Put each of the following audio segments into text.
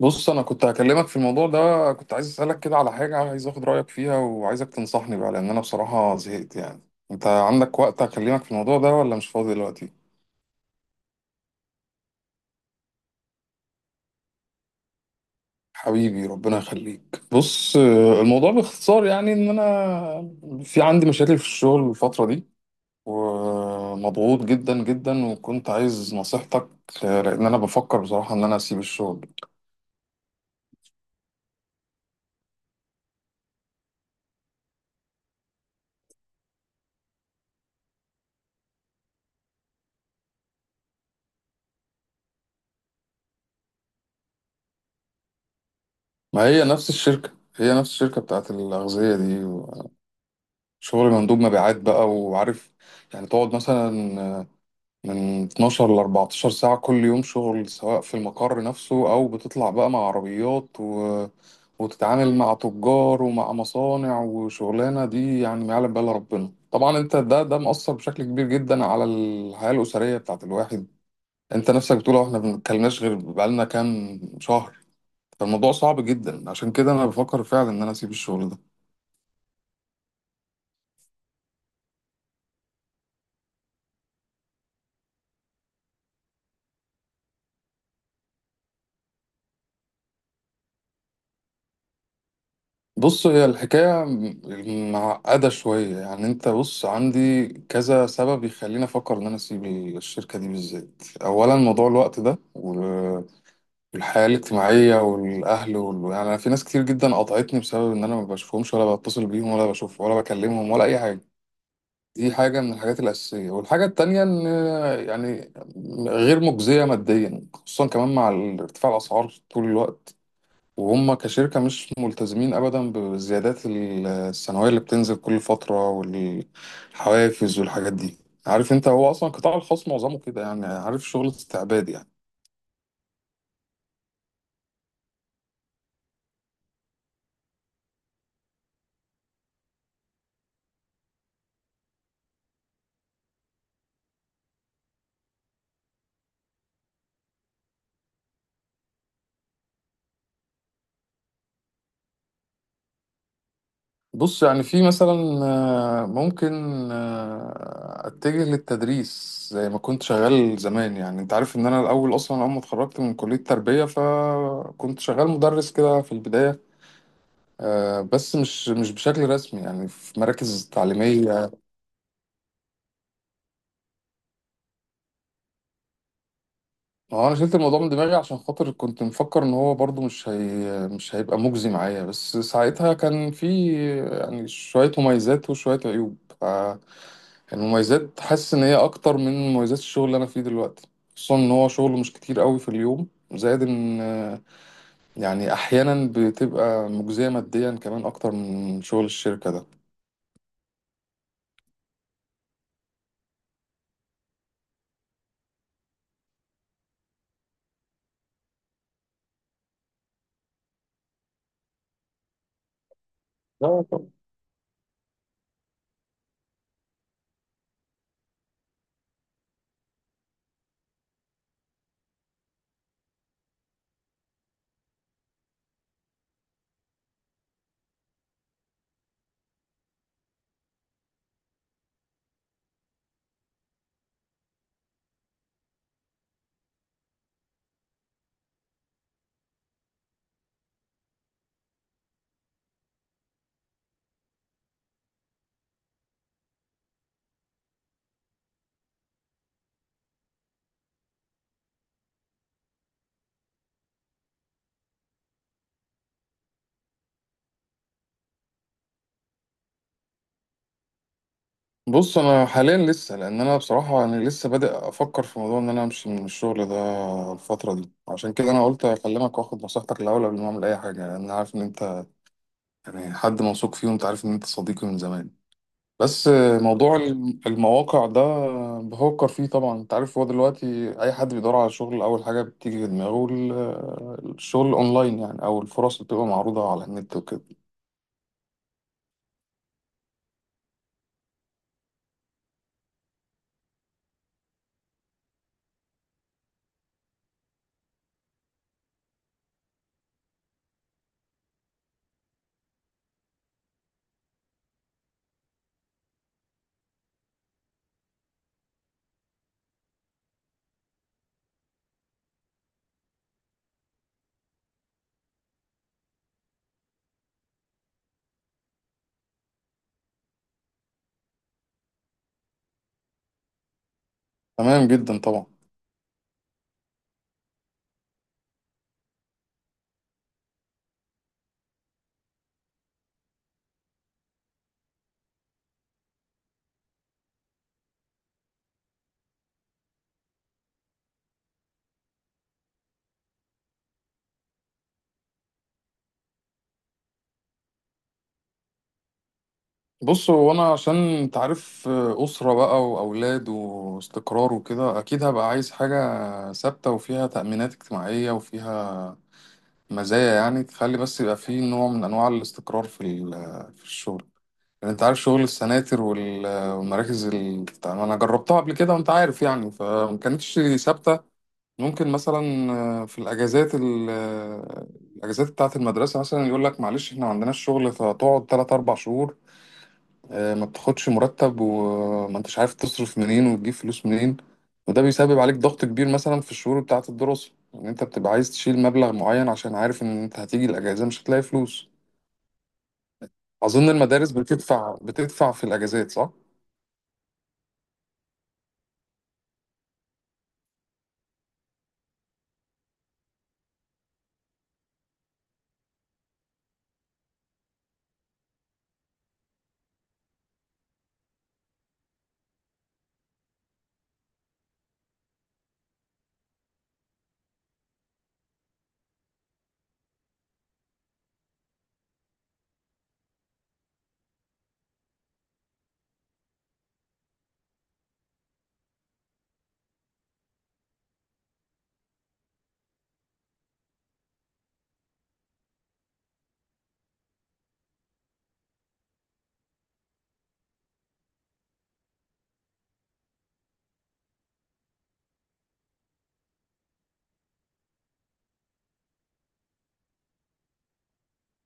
بص انا كنت هكلمك في الموضوع ده. كنت عايز اسالك كده على حاجه، عايز اخد رايك فيها وعايزك تنصحني بقى لان انا بصراحه زهقت يعني. انت عندك وقت اكلمك في الموضوع ده ولا مش فاضي دلوقتي؟ حبيبي ربنا يخليك. بص، الموضوع باختصار يعني ان انا في عندي مشاكل في الشغل الفتره دي ومضغوط جدا جدا وكنت عايز نصيحتك. لان انا بفكر بصراحه ان انا اسيب الشغل. ما هي نفس الشركه، هي نفس الشركه بتاعت الاغذيه دي. شغل مندوب مبيعات بقى وعارف، يعني تقعد مثلا من 12 ل 14 ساعة كل يوم شغل سواء في المقر نفسه أو بتطلع بقى مع عربيات وتتعامل مع تجار ومع مصانع وشغلانة دي يعني ما يعلم بها إلا ربنا طبعا. انت ده مأثر بشكل كبير جدا على الحياة الأسرية بتاعت الواحد. انت نفسك بتقول اه احنا ما بنتكلمناش غير بقالنا كام شهر. فالموضوع صعب جدا، عشان كده انا بفكر فعلا ان انا اسيب الشغل ده. بص هي الحكاية معقدة شوية، يعني انت بص عندي كذا سبب يخليني افكر ان انا اسيب الشركة دي بالذات. اولا موضوع الوقت ده والحياة الاجتماعية والاهل يعني انا في ناس كتير جدا قطعتني بسبب ان انا ما بشوفهمش ولا بتصل بيهم ولا بشوف ولا بكلمهم ولا اي حاجة. دي حاجة من الحاجات الأساسية. والحاجة التانية إن يعني غير مجزية ماديا، خصوصا كمان مع ارتفاع الأسعار طول الوقت، وهم كشركة مش ملتزمين أبدا بالزيادات السنوية اللي بتنزل كل فترة والحوافز والحاجات دي. عارف انت هو أصلا القطاع الخاص معظمه كده، يعني عارف، شغل استعباد يعني. بص يعني في مثلا، ممكن أتجه للتدريس زي ما كنت شغال زمان. يعني انت عارف ان انا الاول اصلا، اول ما اتخرجت من كلية تربية فكنت شغال مدرس كده في البداية. بس مش بشكل رسمي، يعني في مراكز تعليمية. هو انا شلت الموضوع من دماغي عشان خاطر كنت مفكر ان هو برضو مش هيبقى مجزي معايا. بس ساعتها كان في يعني شوية مميزات وشوية عيوب. فالمميزات حاسس ان هي اكتر من مميزات الشغل اللي انا فيه دلوقتي، خصوصا ان هو شغل مش كتير قوي في اليوم. زائد ان يعني احيانا بتبقى مجزية ماديا كمان اكتر من شغل الشركة ده. بص انا حاليا لسه، لان انا بصراحه انا لسه بادئ افكر في موضوع ان انا امشي من الشغل ده الفتره دي. عشان كده انا قلت اكلمك واخد نصيحتك الاول قبل ما اعمل اي حاجه، لان انا عارف ان انت يعني حد موثوق فيه، وانت عارف ان انت صديقي من زمان. بس موضوع المواقع ده بفكر فيه طبعا. انت عارف هو دلوقتي اي حد بيدور على شغل اول حاجه بتيجي في دماغه الشغل اونلاين يعني، او الفرص اللي بتبقى معروضه على النت وكده. تمام جدا طبعا. بص هو انا عشان انت عارف اسره بقى واولاد واستقرار وكده، اكيد هبقى عايز حاجه ثابته وفيها تامينات اجتماعيه وفيها مزايا، يعني تخلي بس يبقى فيه نوع من انواع الاستقرار في الشغل. لان انت عارف شغل السناتر والمراكز انا جربتها قبل كده، وانت عارف يعني فما كانتش ثابته. ممكن مثلا في الاجازات الاجازات بتاعه المدرسه، مثلا يقول لك معلش احنا ما عندناش شغل فتقعد 3 4 شهور. ما بتاخدش مرتب وما انتش عارف تصرف منين وتجيب فلوس منين. وده بيسبب عليك ضغط كبير مثلا في الشهور بتاعة الدراسة، ان انت بتبقى عايز تشيل مبلغ معين عشان عارف ان انت هتيجي الاجازة مش هتلاقي فلوس. اظن المدارس بتدفع في الاجازات، صح؟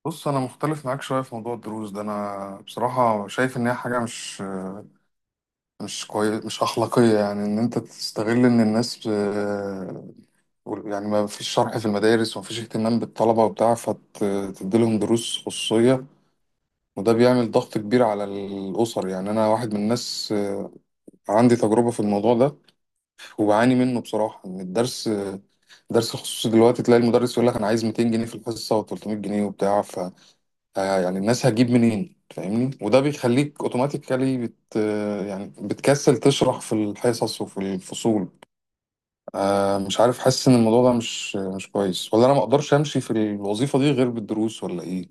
بص انا مختلف معاك شوية في موضوع الدروس ده. انا بصراحة شايف ان هي حاجة مش كويس، مش اخلاقية، يعني ان انت تستغل ان الناس، يعني ما فيش شرح في المدارس وما فيش اهتمام بالطلبة وبتاع فتديلهم دروس خصوصية. وده بيعمل ضغط كبير على الأسر. يعني أنا واحد من الناس، عندي تجربة في الموضوع ده وبعاني منه بصراحة. إن الدرس، درس الخصوصي دلوقتي تلاقي المدرس يقول لك أنا عايز 200 جنيه في الحصة و300 جنيه وبتاع. ف آه، يعني الناس هتجيب منين، فاهمني؟ وده بيخليك أوتوماتيكالي بت آه، يعني بتكسل تشرح في الحصص وفي الفصول. مش عارف، حاسس إن الموضوع ده مش كويس. ولا أنا ما أقدرش أمشي في الوظيفة دي غير بالدروس ولا إيه؟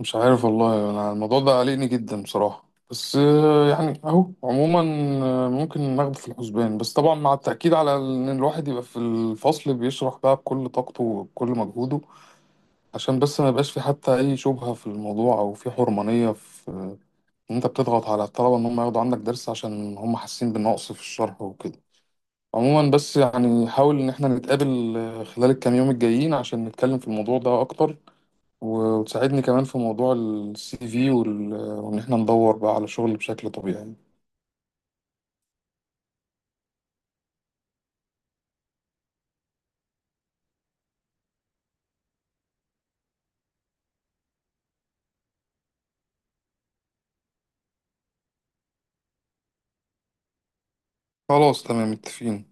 مش عارف والله، انا الموضوع ده قلقني جدا بصراحة. بس يعني اهو عموما ممكن ناخده في الحسبان، بس طبعا مع التأكيد على ان الواحد يبقى في الفصل بيشرح بقى بكل طاقته وبكل مجهوده، عشان بس ما يبقاش في حتى اي شبهة في الموضوع او في حرمانية في ان انت بتضغط على الطلبة ان هم ياخدوا عندك درس عشان هم حاسين بالنقص في الشرح وكده. عموما بس يعني حاول ان احنا نتقابل خلال الكام يوم الجايين عشان نتكلم في الموضوع ده اكتر، و- وتساعدني كمان في موضوع السي في وإن إحنا ندور بقى على شغل بشكل طبيعي. خلاص تمام متفقين.